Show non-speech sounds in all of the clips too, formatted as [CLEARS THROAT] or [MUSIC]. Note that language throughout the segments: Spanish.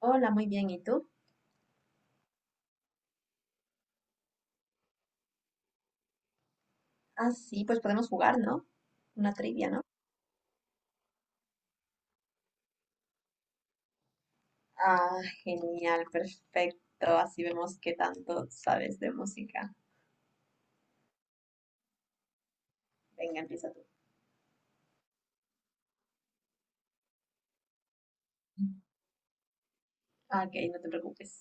Hola, muy bien. ¿Y tú? Sí, pues podemos jugar, ¿no? Una trivia, ¿no? Ah, Genial, perfecto. Así vemos qué tanto sabes de música. Venga, empieza tú. Ah, ok, no te preocupes.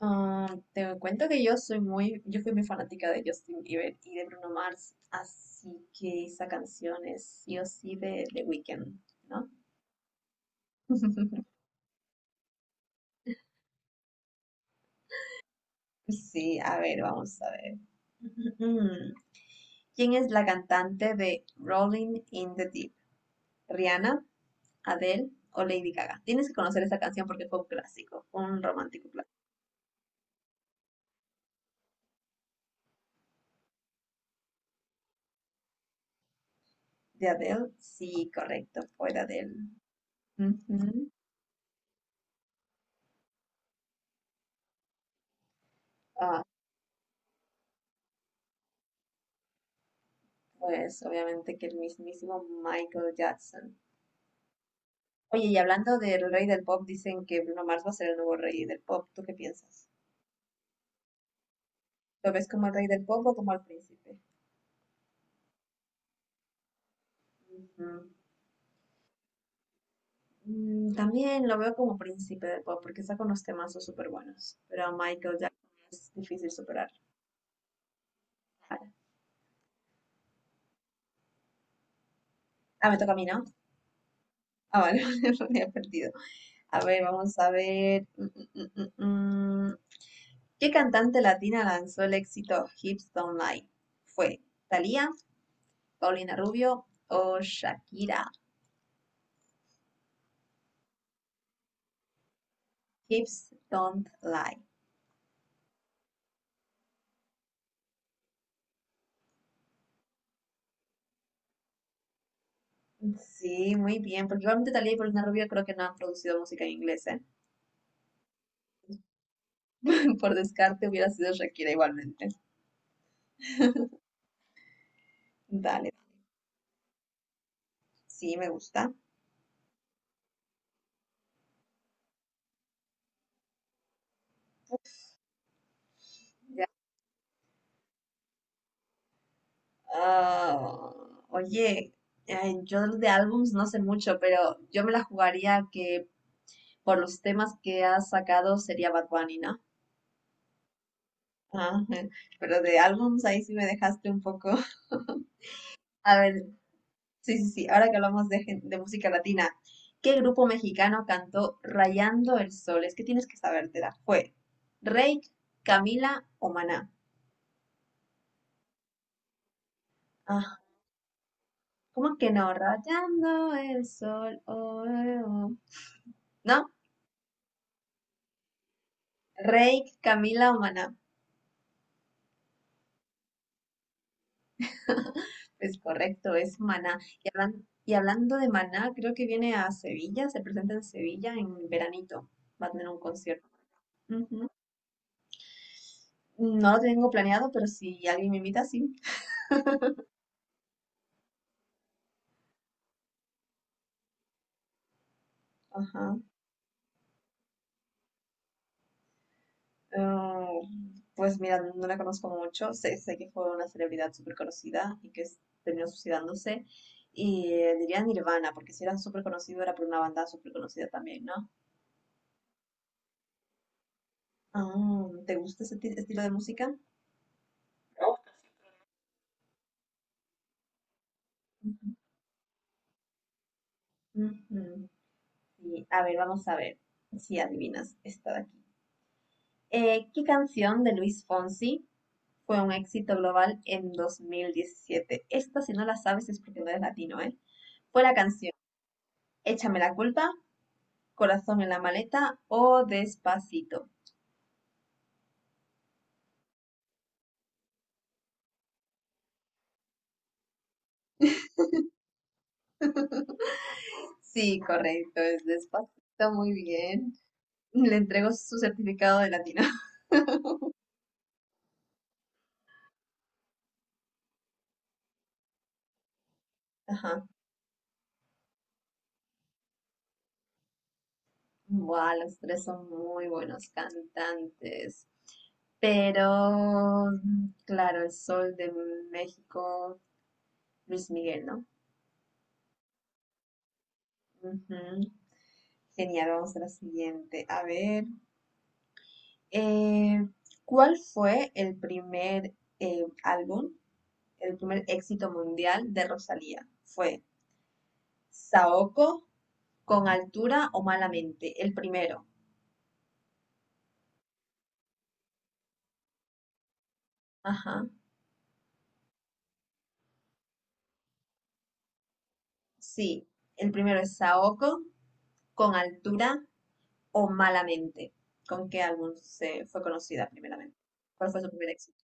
Te cuento que yo fui muy fanática de Justin Bieber y de Bruno Mars, así que esa canción es sí o sí de The Weeknd, ¿no? [LAUGHS] Sí, a ver, vamos a ver. [LAUGHS] Mm, ¿Quién es la cantante de Rolling in the Deep? ¿Rihanna, Adele o Lady Gaga? Tienes que conocer esa canción porque fue un clásico, fue un romántico clásico. ¿De Adele? Sí, correcto, fue de Adele. Ujú. Ah, pues obviamente que el mismísimo Michael Jackson. Oye, y hablando del rey del pop, dicen que Bruno Mars va a ser el nuevo rey del pop. ¿Tú qué piensas? ¿Lo ves como el rey del pop o como el príncipe? Ujú. También lo veo como príncipe del pop porque saca unos temazos súper buenos, pero a Michael Jackson es difícil superar. Me toca a mí, ¿no? Ah, vale, [LAUGHS] me había perdido. A ver, vamos a ver. Mm, mm, mm, mm. ¿Qué cantante latina lanzó el éxito Hips Don't Lie? ¿Fue Thalía, Paulina Rubio o Shakira? Hips Don't Lie. Sí, muy bien, porque igualmente Thalía y Paulina Rubio creo que no han producido música en inglés, ¿eh? [LAUGHS] Por descarte hubiera sido Shakira igualmente. Dale, sí, me gusta. Ya. Ah, Oye, ay, yo de álbums no sé mucho, pero yo me la jugaría que por los temas que has sacado sería Bad Bunny, ¿no? Ah, [LAUGHS] pero de álbums ahí sí me dejaste un poco. [LAUGHS] A ver, sí, ahora que hablamos de, de música latina, ¿qué grupo mexicano cantó Rayando el Sol? Es que tienes que sabértela. ¿Fue Reik, Camila o Maná? Ah, ¿cómo que no? Rayando el Sol, oh, oh. ¿No? Reik, Camila o Maná. Es correcto, es Maná. Y, y hablando de Maná, creo que viene a Sevilla, se presenta en Sevilla en veranito. Va a tener un concierto. Ujú. No lo tengo planeado, pero si alguien me invita, sí. Ajá. Ah, pues mira, no la conozco mucho. Sé que fue una celebridad súper conocida y que terminó suicidándose. Y diría Nirvana, porque si era súper conocido era por una banda súper conocida también, ¿no? Ah, ¿te gusta ese estilo de música? Ujú. Ujú. Sí, a ver, vamos a ver si adivinas esta de aquí. ¿Qué canción de Luis Fonsi fue un éxito global en 2017? Esta, si no la sabes, es porque no eres latino, ¿eh? Fue la canción Échame la culpa, Corazón en la maleta o Despacito. [LAUGHS] Sí, correcto, es Despacito, muy bien. Le entrego su certificado de latino. [LAUGHS] Ajá. Wow, los tres son muy buenos cantantes. Pero, claro, el sol de México, Luis Miguel, ¿no? Ujú. Genial, vamos a la siguiente. A ver, eh, ¿cuál fue el primer álbum, el primer éxito mundial de Rosalía? ¿Fue Saoko, Con Altura o Malamente? El primero. Ajá. Sí, el primero, ¿es Saoko, Con Altura o Malamente? ¿Con qué álbum se fue conocida primeramente? ¿Cuál fue su primer éxito?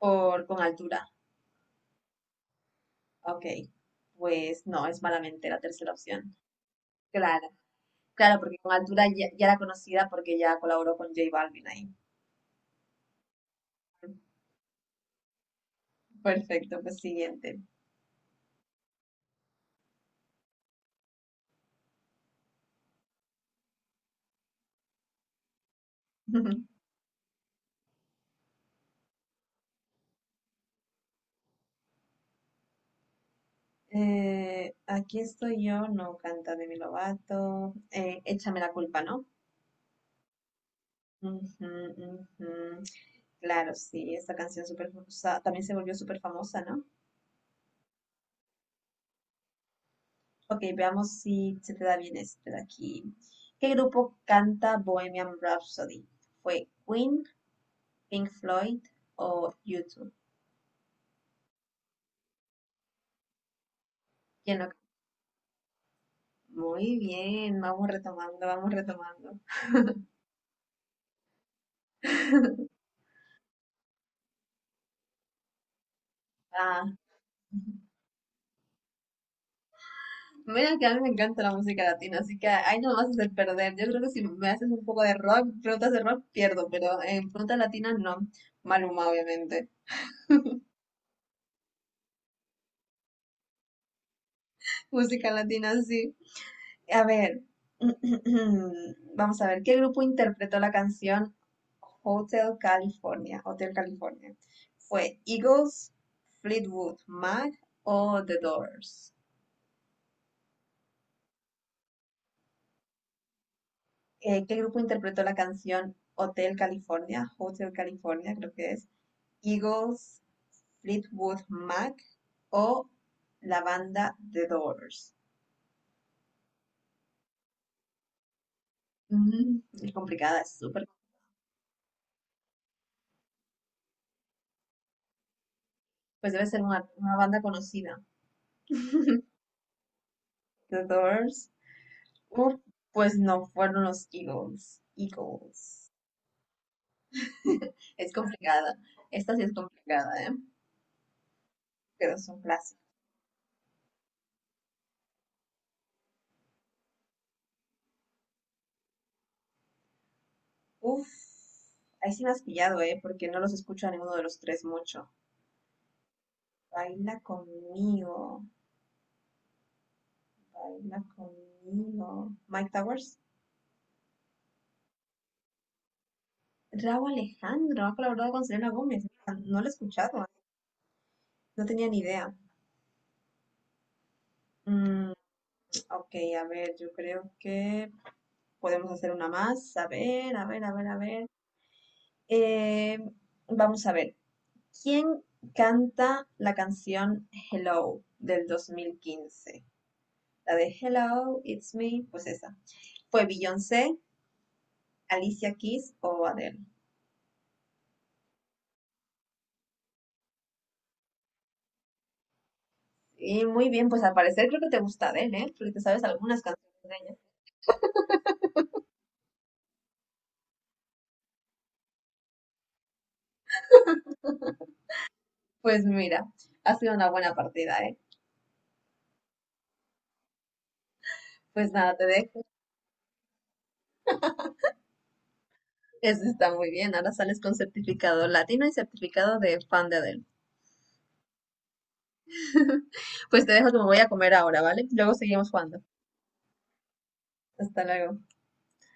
Por Con Altura. Ok. Pues no, es Malamente, la tercera opción. Claro. Claro, porque Con Altura ya era conocida porque ya colaboró con J Balvin ahí. Perfecto, pues siguiente. [LAUGHS] Aquí estoy yo no canta Demi Lovato. Échame la culpa, ¿no? Ujú, ujú. Claro, sí, también se volvió súper famosa, ¿no? Ok, veamos si se te da bien este de aquí. ¿Qué grupo canta Bohemian Rhapsody? ¿Fue Queen, Pink Floyd o YouTube? ¿Quién lo- muy bien, vamos retomando, vamos retomando. [LAUGHS] Ah, mira que a mí me encanta la música latina, así que ahí no me vas a hacer perder. Yo creo que si me haces un poco de rock, preguntas de rock, pierdo, pero en preguntas latinas no. Maluma, obviamente. [LAUGHS] Música latina, sí. A ver, [CLEARS THROAT] vamos a ver, ¿qué grupo interpretó la canción Hotel California? Hotel California. ¿Fue Eagles, Fleetwood Mac o The Doors? ¿Qué grupo interpretó la canción Hotel California? Hotel California creo que es. ¿Eagles, Fleetwood Mac o la banda The Doors? Mm, es complicada, es súper. Pues debe ser una banda conocida. The Doors. Uh, pues no, fueron los Eagles. Eagles. Es complicada. Esta sí es complicada, ¿eh? Pero son clásicos. Uf, ahí sí me has pillado, ¿eh? Porque no los escucho a ninguno de los tres mucho. Baila conmigo. Baila conmigo. Mike Towers. Raúl Alejandro ha colaborado con Selena Gómez. No lo he escuchado. ¿Eh? No tenía ni idea. Mm, ok, a ver, yo creo que podemos hacer una más. A ver, a ver, a ver, a ver. Eh, Vamos a ver. ¿Quién canta la canción Hello del 2015? La de Hello, It's Me, pues esa. Fue Beyoncé, Alicia Keys o Adele. Y muy bien, pues al parecer creo que te gusta Adele, ¿eh? Porque te sabes algunas canciones de ella. Pues mira, ha sido una buena partida, ¿eh? Pues nada, te dejo. Eso está muy bien. Ahora sales con certificado latino y certificado de fan de Adele. [LAUGHS] Pues te dejo que me voy a comer ahora, ¿vale? Luego seguimos jugando. Hasta luego.